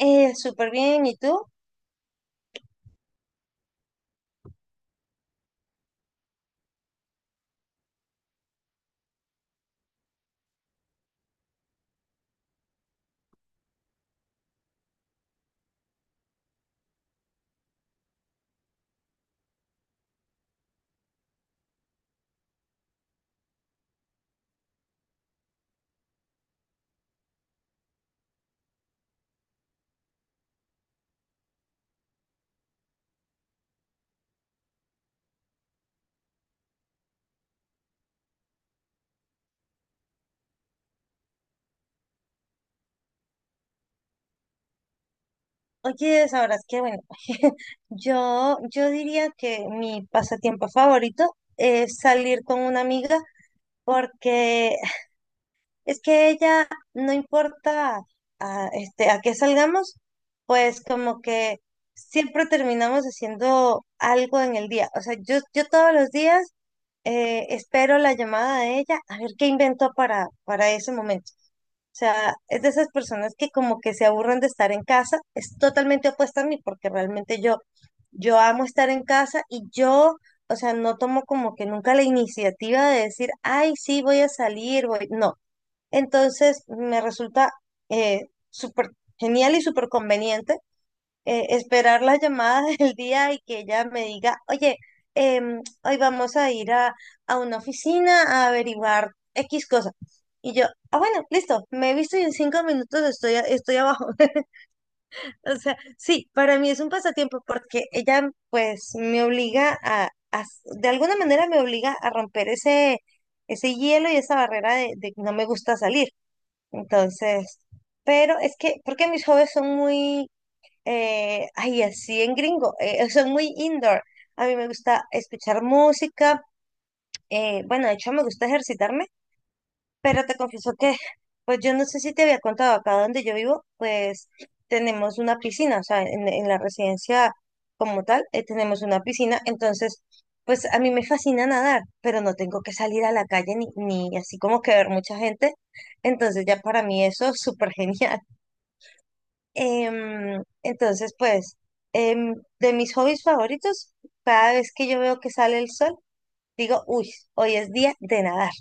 Súper bien, ¿y tú? Oye, sabrás que, bueno, yo diría que mi pasatiempo favorito es salir con una amiga porque. Es que ella, no importa a qué salgamos, pues como que siempre terminamos haciendo algo en el día. O sea, yo todos los días espero la llamada de ella a ver qué inventó para ese momento. O sea, es de esas personas que como que se aburren de estar en casa. Es totalmente opuesta a mí porque realmente yo, yo amo estar en casa y yo, o sea, no tomo como que nunca la iniciativa de decir, ay, sí, voy a salir, voy. No. Entonces, me resulta súper genial y súper conveniente, esperar las llamadas del día y que ella me diga, oye, hoy vamos a ir a una oficina a averiguar X cosa. Y yo, ah, bueno, listo, me he visto y en 5 minutos estoy, estoy abajo. O sea, sí, para mí es un pasatiempo porque ella pues me obliga a, de alguna manera me obliga a romper ese hielo y esa barrera de que no me gusta salir. Entonces, pero es que, porque mis hobbies son muy, ay, así en gringo, son muy indoor. A mí me gusta escuchar música, bueno, de hecho me gusta ejercitarme, pero te confieso que, pues yo no sé si te había contado, acá donde yo vivo, pues tenemos una piscina, o sea, en la residencia como tal, tenemos una piscina, entonces, pues a mí me fascina nadar, pero no tengo que salir a la calle ni así como que ver mucha gente, entonces ya para mí eso es súper genial. Entonces, pues, de mis hobbies favoritos, cada vez que yo veo que sale el sol, digo, uy, hoy es día de nadar.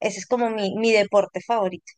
Ese es como mi deporte favorito.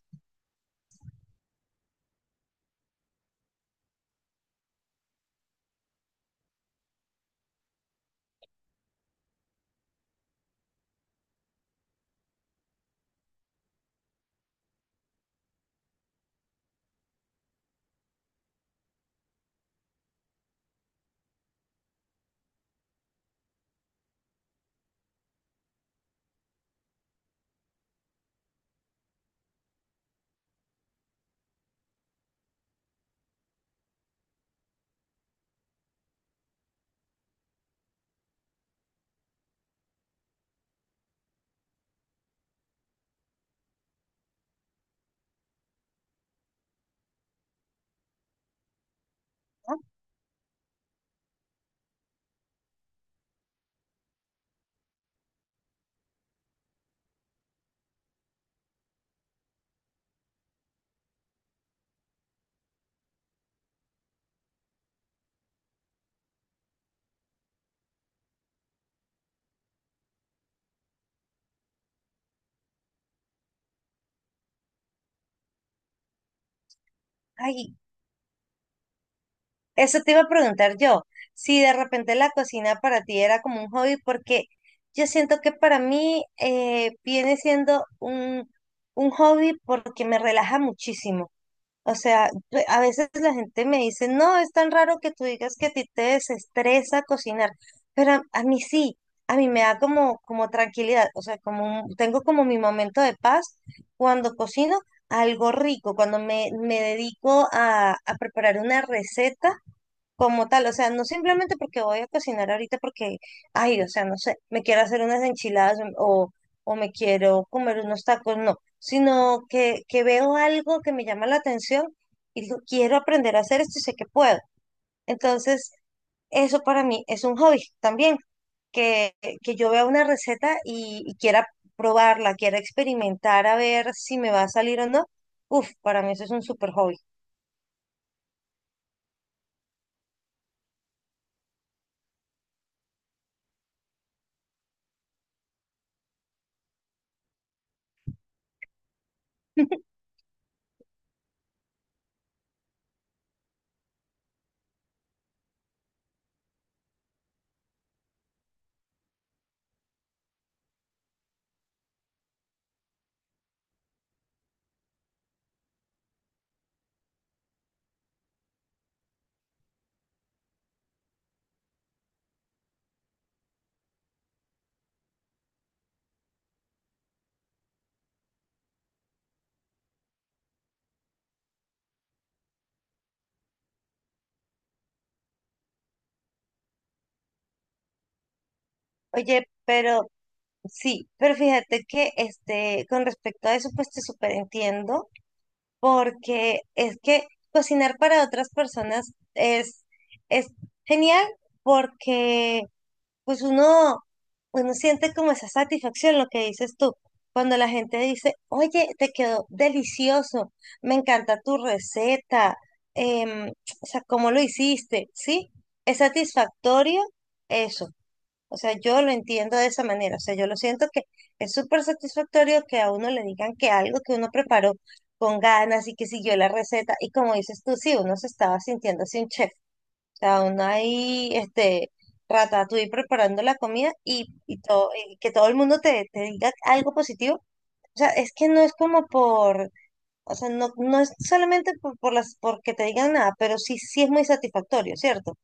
Ay, eso te iba a preguntar yo, si de repente la cocina para ti era como un hobby, porque yo siento que para mí viene siendo un hobby porque me relaja muchísimo. O sea, a veces la gente me dice, no, es tan raro que tú digas que a ti te desestresa cocinar, pero a mí sí, a mí me da como, como tranquilidad, o sea, tengo como mi momento de paz cuando cocino algo rico, cuando me dedico a preparar una receta como tal, o sea, no simplemente porque voy a cocinar ahorita porque, ay, o sea, no sé, me quiero hacer unas enchiladas o me quiero comer unos tacos, no, sino que veo algo que me llama la atención y digo, quiero aprender a hacer esto y sé que puedo. Entonces, eso para mí es un hobby también, que, que yo vea una receta y quiera probarla, quiera experimentar a ver si me va a salir o no. Uf, para mí eso es un super hobby. Oye, pero. Sí, pero fíjate que este, con respecto a eso, pues te súper entiendo, porque es que cocinar para otras personas es genial porque pues uno siente como esa satisfacción, lo que dices tú, cuando la gente dice, oye, te quedó delicioso, me encanta tu receta, em, o sea, cómo lo hiciste, ¿sí? Es satisfactorio eso. O sea, yo lo entiendo de esa manera. O sea, yo lo siento que es súper satisfactorio que a uno le digan que algo que uno preparó con ganas y que siguió la receta. Y como dices tú, sí, uno se estaba sintiendo así un chef. O sea, uno ahí, este, ratatouille preparando la comida y, todo, y que todo el mundo te diga algo positivo. O sea, es que no es como por, o sea, no, no es solamente por, porque te digan nada, pero sí, sí es muy satisfactorio, ¿cierto?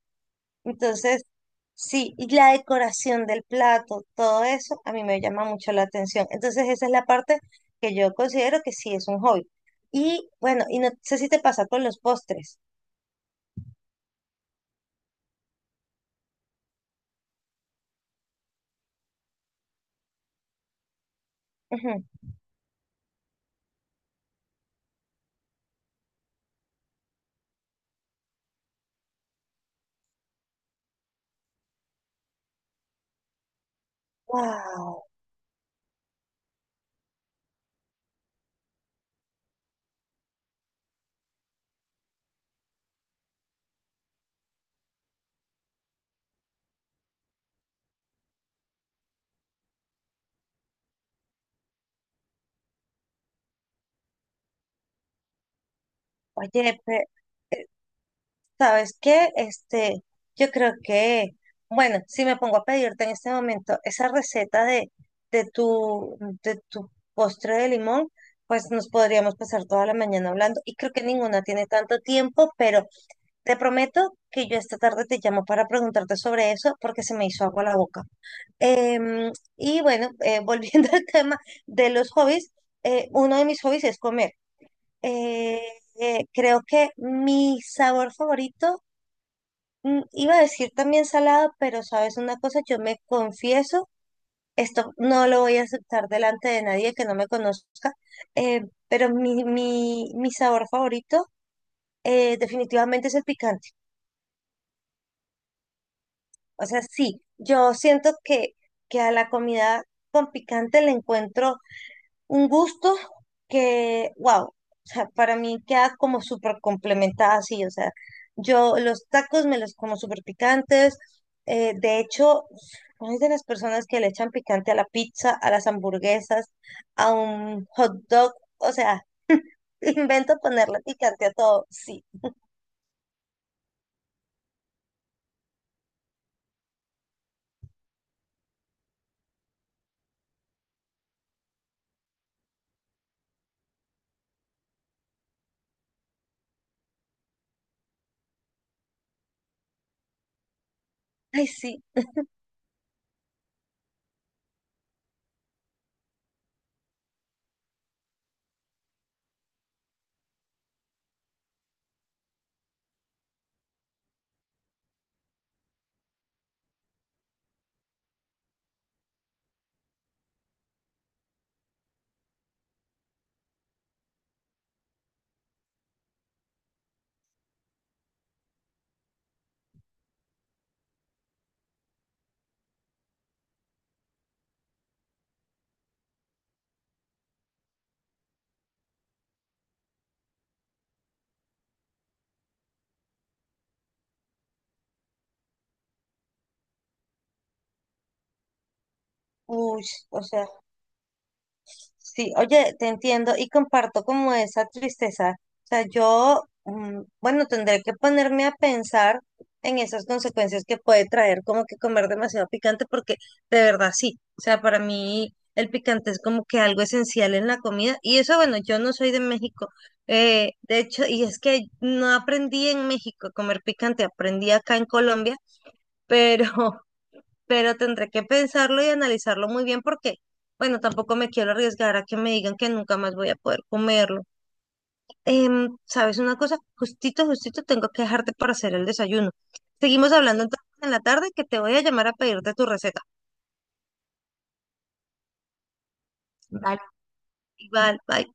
Entonces, sí, y la decoración del plato, todo eso, a mí me llama mucho la atención. Entonces, esa es la parte que yo considero que sí es un hobby. Y bueno, y no sé si te pasa con los postres. Ujú. Wow, oye, pe- ¿sabes qué? Este, yo creo que, bueno, si me pongo a pedirte en este momento esa receta de, de tu, de tu postre de limón, pues nos podríamos pasar toda la mañana hablando. Y creo que ninguna tiene tanto tiempo, pero. Te prometo que yo esta tarde te llamo para preguntarte sobre eso porque se me hizo agua la boca. Em, y bueno, volviendo al tema de los hobbies, uno de mis hobbies es comer. Eh, Creo que mi sabor favorito, mm, iba a decir también salado, pero sabes una cosa, yo me confieso, esto no lo voy a aceptar delante de nadie que no me conozca, eh, pero mi sabor favorito definitivamente es el picante. O sea, sí, yo siento que a la comida con picante le encuentro un gusto que, wow, o sea, para mí queda como súper complementada así, o sea, yo los tacos me los como súper picantes, de hecho, soy de las personas que le echan picante a la pizza, a las hamburguesas, a un hot dog, o sea, invento ponerle picante a todo, sí, ay, sí, uy, o sea. Sí, oye, te entiendo y comparto como esa tristeza. O sea, yo, mm, bueno, tendré que ponerme a pensar en esas consecuencias que puede traer como que comer demasiado picante, porque de verdad sí. O sea, para mí el picante es como que algo esencial en la comida. Y eso, bueno, yo no soy de México. De hecho, y es que no aprendí en México a comer picante, aprendí acá en Colombia, pero pero tendré que pensarlo y analizarlo muy bien porque, bueno, tampoco me quiero arriesgar a que me digan que nunca más voy a poder comerlo. ¿Sabes una cosa? Justito, justito tengo que dejarte para hacer el desayuno. Seguimos hablando entonces en la tarde que te voy a llamar a pedirte tu receta. Vale. Igual, bye.